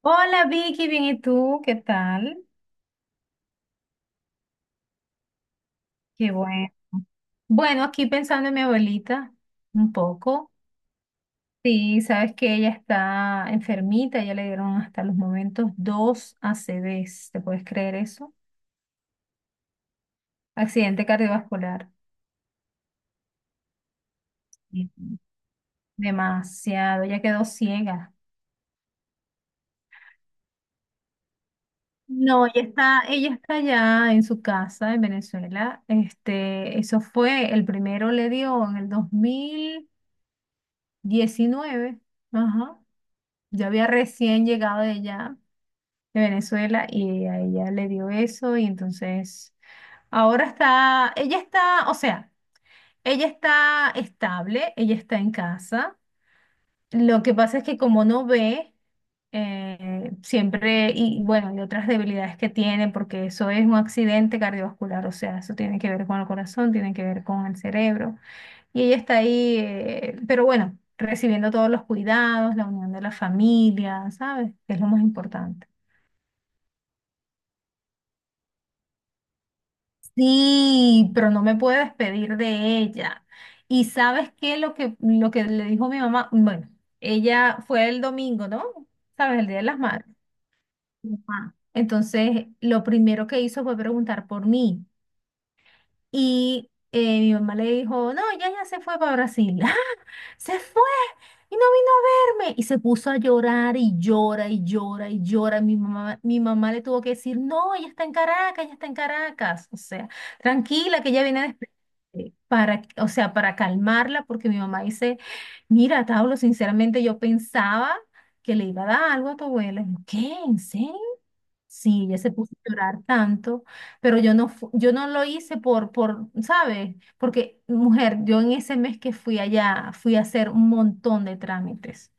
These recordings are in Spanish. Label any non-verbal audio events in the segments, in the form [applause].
Hola Vicky, bien, ¿y tú? ¿Qué tal? Qué bueno. Bueno, aquí pensando en mi abuelita, un poco. Sí, sabes que ella está enfermita, ya le dieron hasta los momentos dos ACVs, ¿te puedes creer eso? Accidente cardiovascular. Sí. Demasiado, ya quedó ciega. No, ella está allá en su casa en Venezuela. Este, eso fue, el primero le dio en el dos mil diecinueve. Ajá. Yo había recién llegado de allá, de Venezuela, y a ella le dio eso, y entonces ahora está, ella está, o sea, ella está estable, ella está en casa. Lo que pasa es que como no ve, siempre, y bueno, y otras debilidades que tiene, porque eso es un accidente cardiovascular, o sea, eso tiene que ver con el corazón, tiene que ver con el cerebro. Y ella está ahí, pero bueno, recibiendo todos los cuidados, la unión de la familia, ¿sabes? Que es lo más importante. Sí, pero no me puedo despedir de ella. ¿Y sabes qué? Lo que le dijo mi mamá, bueno, ella fue el domingo, ¿no? ¿Sabes? El Día de las Madres. Ajá. Entonces, lo primero que hizo fue preguntar por mí. Y mi mamá le dijo, no, ella ya se fue para Brasil. [laughs] ¡Ah! Se fue y no vino a verme. Y se puso a llorar y llora y llora y llora. Mi mamá le tuvo que decir, no, ella está en Caracas, ella está en Caracas. O sea, tranquila, que ella viene después. Para, o sea, para calmarla, porque mi mamá dice, mira, Tablo, sinceramente yo pensaba que le iba a dar algo a tu abuela. Y yo, ¿qué? ¿En serio? Sí, ella se puso a llorar tanto, pero yo no, yo no lo hice por, ¿sabes? Porque, mujer, yo en ese mes que fui allá, fui a hacer un montón de trámites.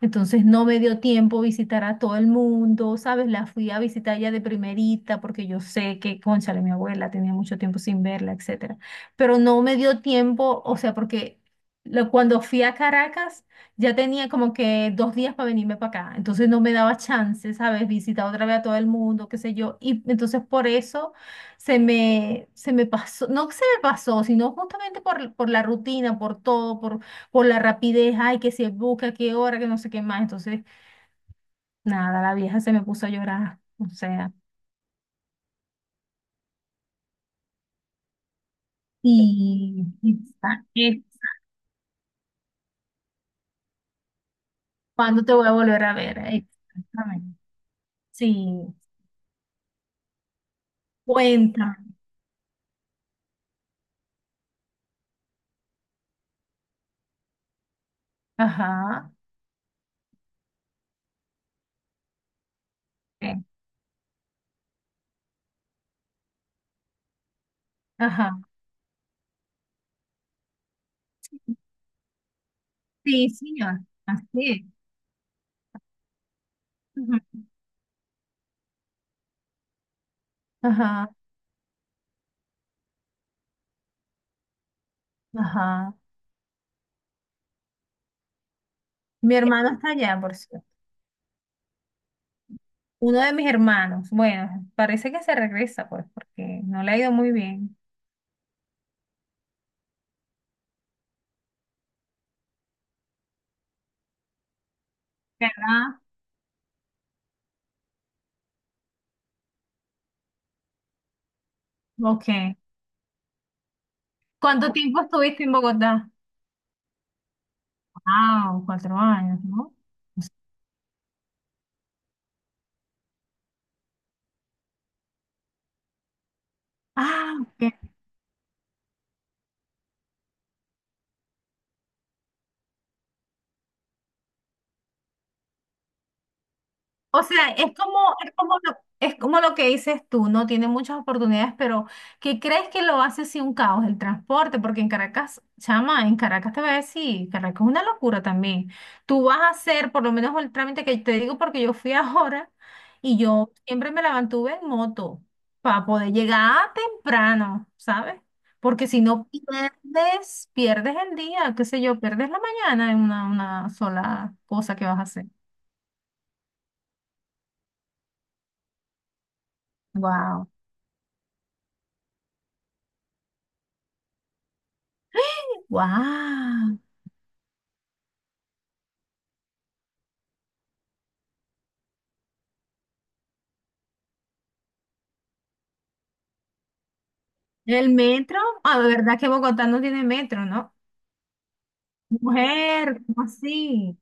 Entonces no me dio tiempo visitar a todo el mundo, ¿sabes? La fui a visitar ya de primerita porque yo sé que, cónchale, mi abuela tenía mucho tiempo sin verla, etcétera. Pero no me dio tiempo, o sea, porque cuando fui a Caracas ya tenía como que 2 días para venirme para acá. Entonces no me daba chance, ¿sabes? Visitar otra vez a todo el mundo, qué sé yo. Y entonces por eso se me pasó, no que se me pasó, sino justamente por la rutina, por todo, por la rapidez, ay, que se busca, qué hora, que no sé qué más. Entonces, nada, la vieja se me puso a llorar. O sea, ah, ¿qué? ¿Cuándo te voy a volver a ver? Exactamente. Sí, cuenta. Ajá. ¿Qué? Ajá. Sí, señor. Así es. Ujú. Ajá, ajá. Mi hermano está allá, por cierto. Uno de mis hermanos. Bueno, parece que se regresa, pues, porque no le ha ido muy bien. ¿Verdad? Ok. ¿Cuánto tiempo estuviste en Bogotá? Ah, 4 años, ¿no? Ah, ok. O sea, es como lo que dices tú, no tiene muchas oportunidades, pero ¿qué crees que lo hace si un caos el transporte? Porque en Caracas, chama, en Caracas te voy a decir, Caracas es una locura también. Tú vas a hacer, por lo menos el trámite que te digo, porque yo fui [laughs] ahora y yo siempre me la mantuve en moto para poder llegar temprano, ¿sabes? Porque si no pierdes, pierdes el día, qué sé yo, pierdes la mañana en una sola cosa que vas a hacer. Wow. ¡Wow! ¿El metro? Ah, de verdad que Bogotá no tiene metro, ¿no? Mujer, ¿cómo así?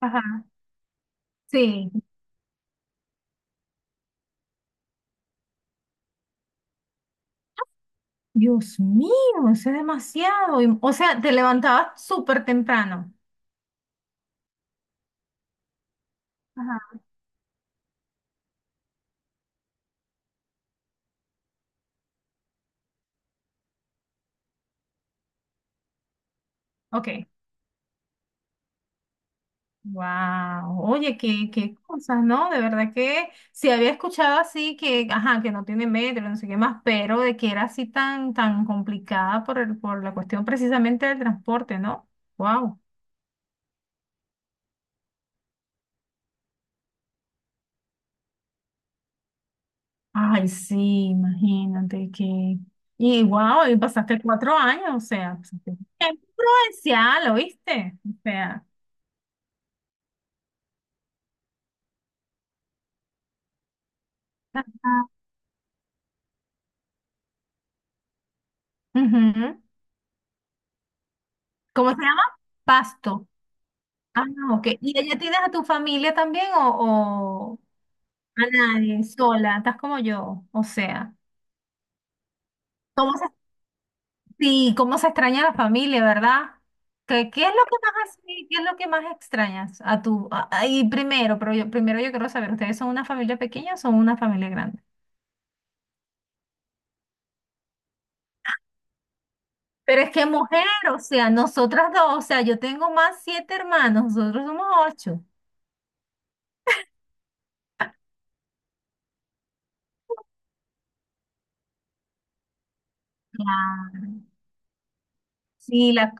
Ajá. Sí. Dios mío, eso es demasiado. Y, o sea, te levantabas súper temprano. Ajá. Ok. Wow. Oye, qué, qué cosas, ¿no? De verdad que sí había escuchado así que, ajá, que no tiene metro, no sé qué más, pero de que era así tan, tan complicada por el, por la cuestión precisamente del transporte, ¿no? Wow. Ay, sí, imagínate que... Y wow, y pasaste 4 años, o sea, pasaste... ¡Qué provincial! ¿Oíste? O sea... Ajá, ujú. ¿Cómo se llama? Pasto. Ah, no, ok. ¿Y allá tienes a tu familia también o a nadie, sola? Estás como yo, o sea... ¿Cómo se Sí, cómo se extraña la familia, ¿verdad? ¿Qué, qué es lo que más así, qué es lo que más extrañas a tu a- y primero, pero yo, primero yo quiero saber, ¿ustedes son una familia pequeña o son una familia grande? Pero es que mujer, o sea, nosotras dos, o sea, yo tengo más siete hermanos, nosotros somos ocho. Claro. Sí, la,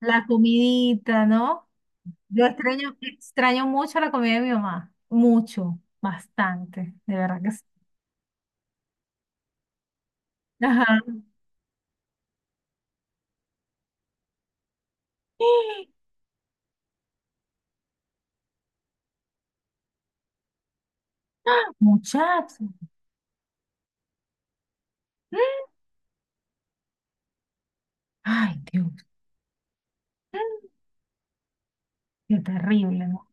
la comidita, ¿no? Yo extraño, extraño mucho la comida de mi mamá, mucho, bastante, de verdad que sí. Ajá. [gasps] Muchacho. Ay, Dios, qué terrible, ¿no?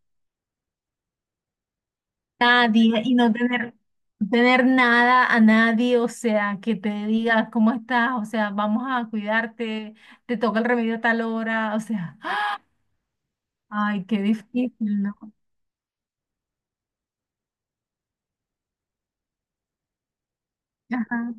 Nadie, y no tener, no tener nada a nadie, o sea, que te diga cómo estás, o sea, vamos a cuidarte, te toca el remedio a tal hora, o sea, [gasps] ay, qué difícil, ¿no? Ajá.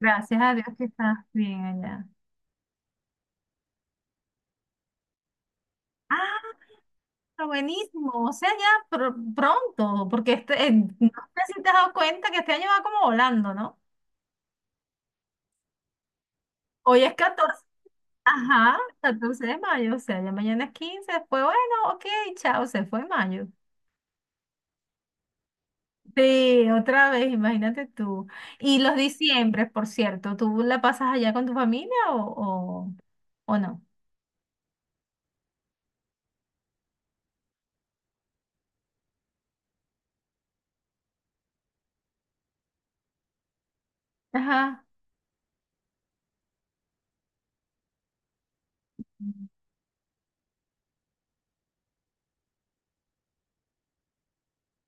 Gracias a Dios que estás bien allá. Ah, está buenísimo, o sea, ya pronto, porque este, no sé si te has dado cuenta que este año va como volando, ¿no? Hoy es 14. Ajá, 14 de mayo, o sea, ya mañana es 15 después, bueno, ok, chao, se fue mayo. Sí, otra vez, imagínate tú. Y los diciembres, por cierto, ¿tú la pasas allá con tu familia o no? Ajá,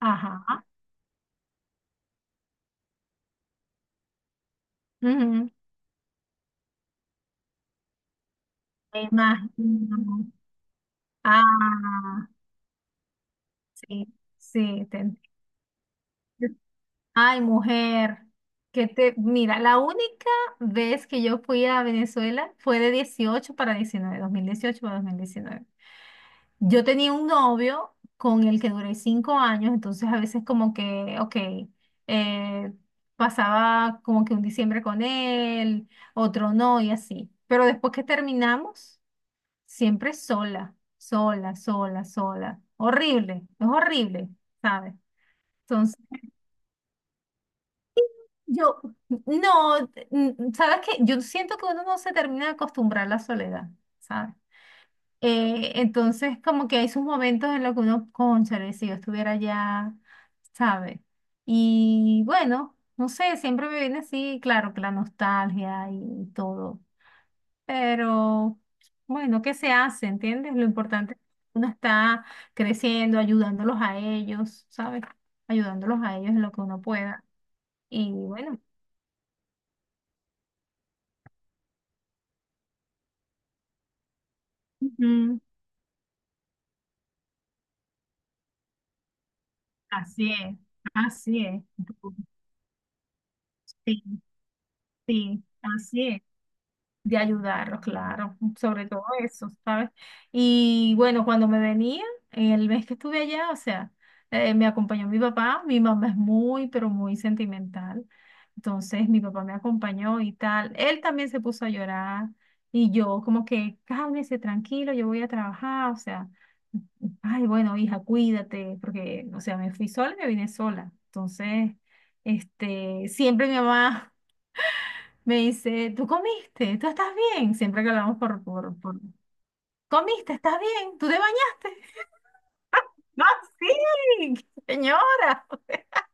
ajá. Ujú. Me imagino. Ah, sí, sí, te entiendo. Ay, mujer, que te, mira, la única vez que yo fui a Venezuela fue de 18 para 19, 2018 para 2019. Yo tenía un novio con el que duré 5 años, entonces a veces como que, ok, eh, pasaba como que un diciembre con él, otro no y así. Pero después que terminamos, siempre sola, sola, sola, sola. Horrible, es horrible, ¿sabes? Entonces, yo, no, mm, ¿sabes qué? Yo siento que uno no se termina de acostumbrar a la soledad, ¿sabes? Entonces, como que hay sus momentos en los que uno, cónchale, si yo estuviera allá, ¿sabe? Y bueno, no sé, siempre me viene así, claro, que la nostalgia y todo, pero bueno, ¿qué se hace? ¿Entiendes? Lo importante es que uno está creciendo, ayudándolos a ellos, ¿sabes? Ayudándolos a ellos en lo que uno pueda. Y bueno, ujú, así es, así es. Sí, sí, así es. De ayudarlos, claro, sobre todo eso, ¿sabes? Y bueno, cuando me venía, en el mes que estuve allá, o sea, me acompañó mi papá, mi mamá es muy, pero muy sentimental, entonces mi papá me acompañó y tal, él también se puso a llorar y yo como que, cálmese, tranquilo, yo voy a trabajar, o sea, ay, bueno, hija, cuídate, porque, o sea, me fui sola y me vine sola, entonces, este, siempre mi mamá... Me dice, ¿tú comiste? ¿Tú estás bien? Siempre que hablamos por... ¿Comiste? ¿Estás bien? ¿Tú te bañaste? [laughs] No, sí, señora. [laughs]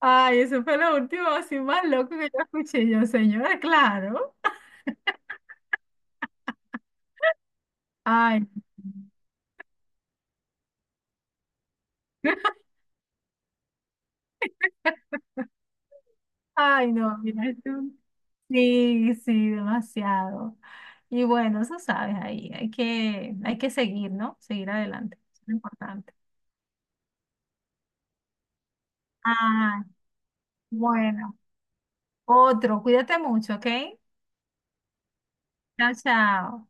Ay, eso fue lo último así más loco que yo escuché. Yo, señora, claro. Ay, ay, no, mira tú. Sí, sí, demasiado. Y bueno, eso sabes ahí. Hay que seguir, ¿no? Seguir adelante. Eso es lo importante. Ah, bueno. Otro, cuídate mucho, ¿ok? Chao, chao.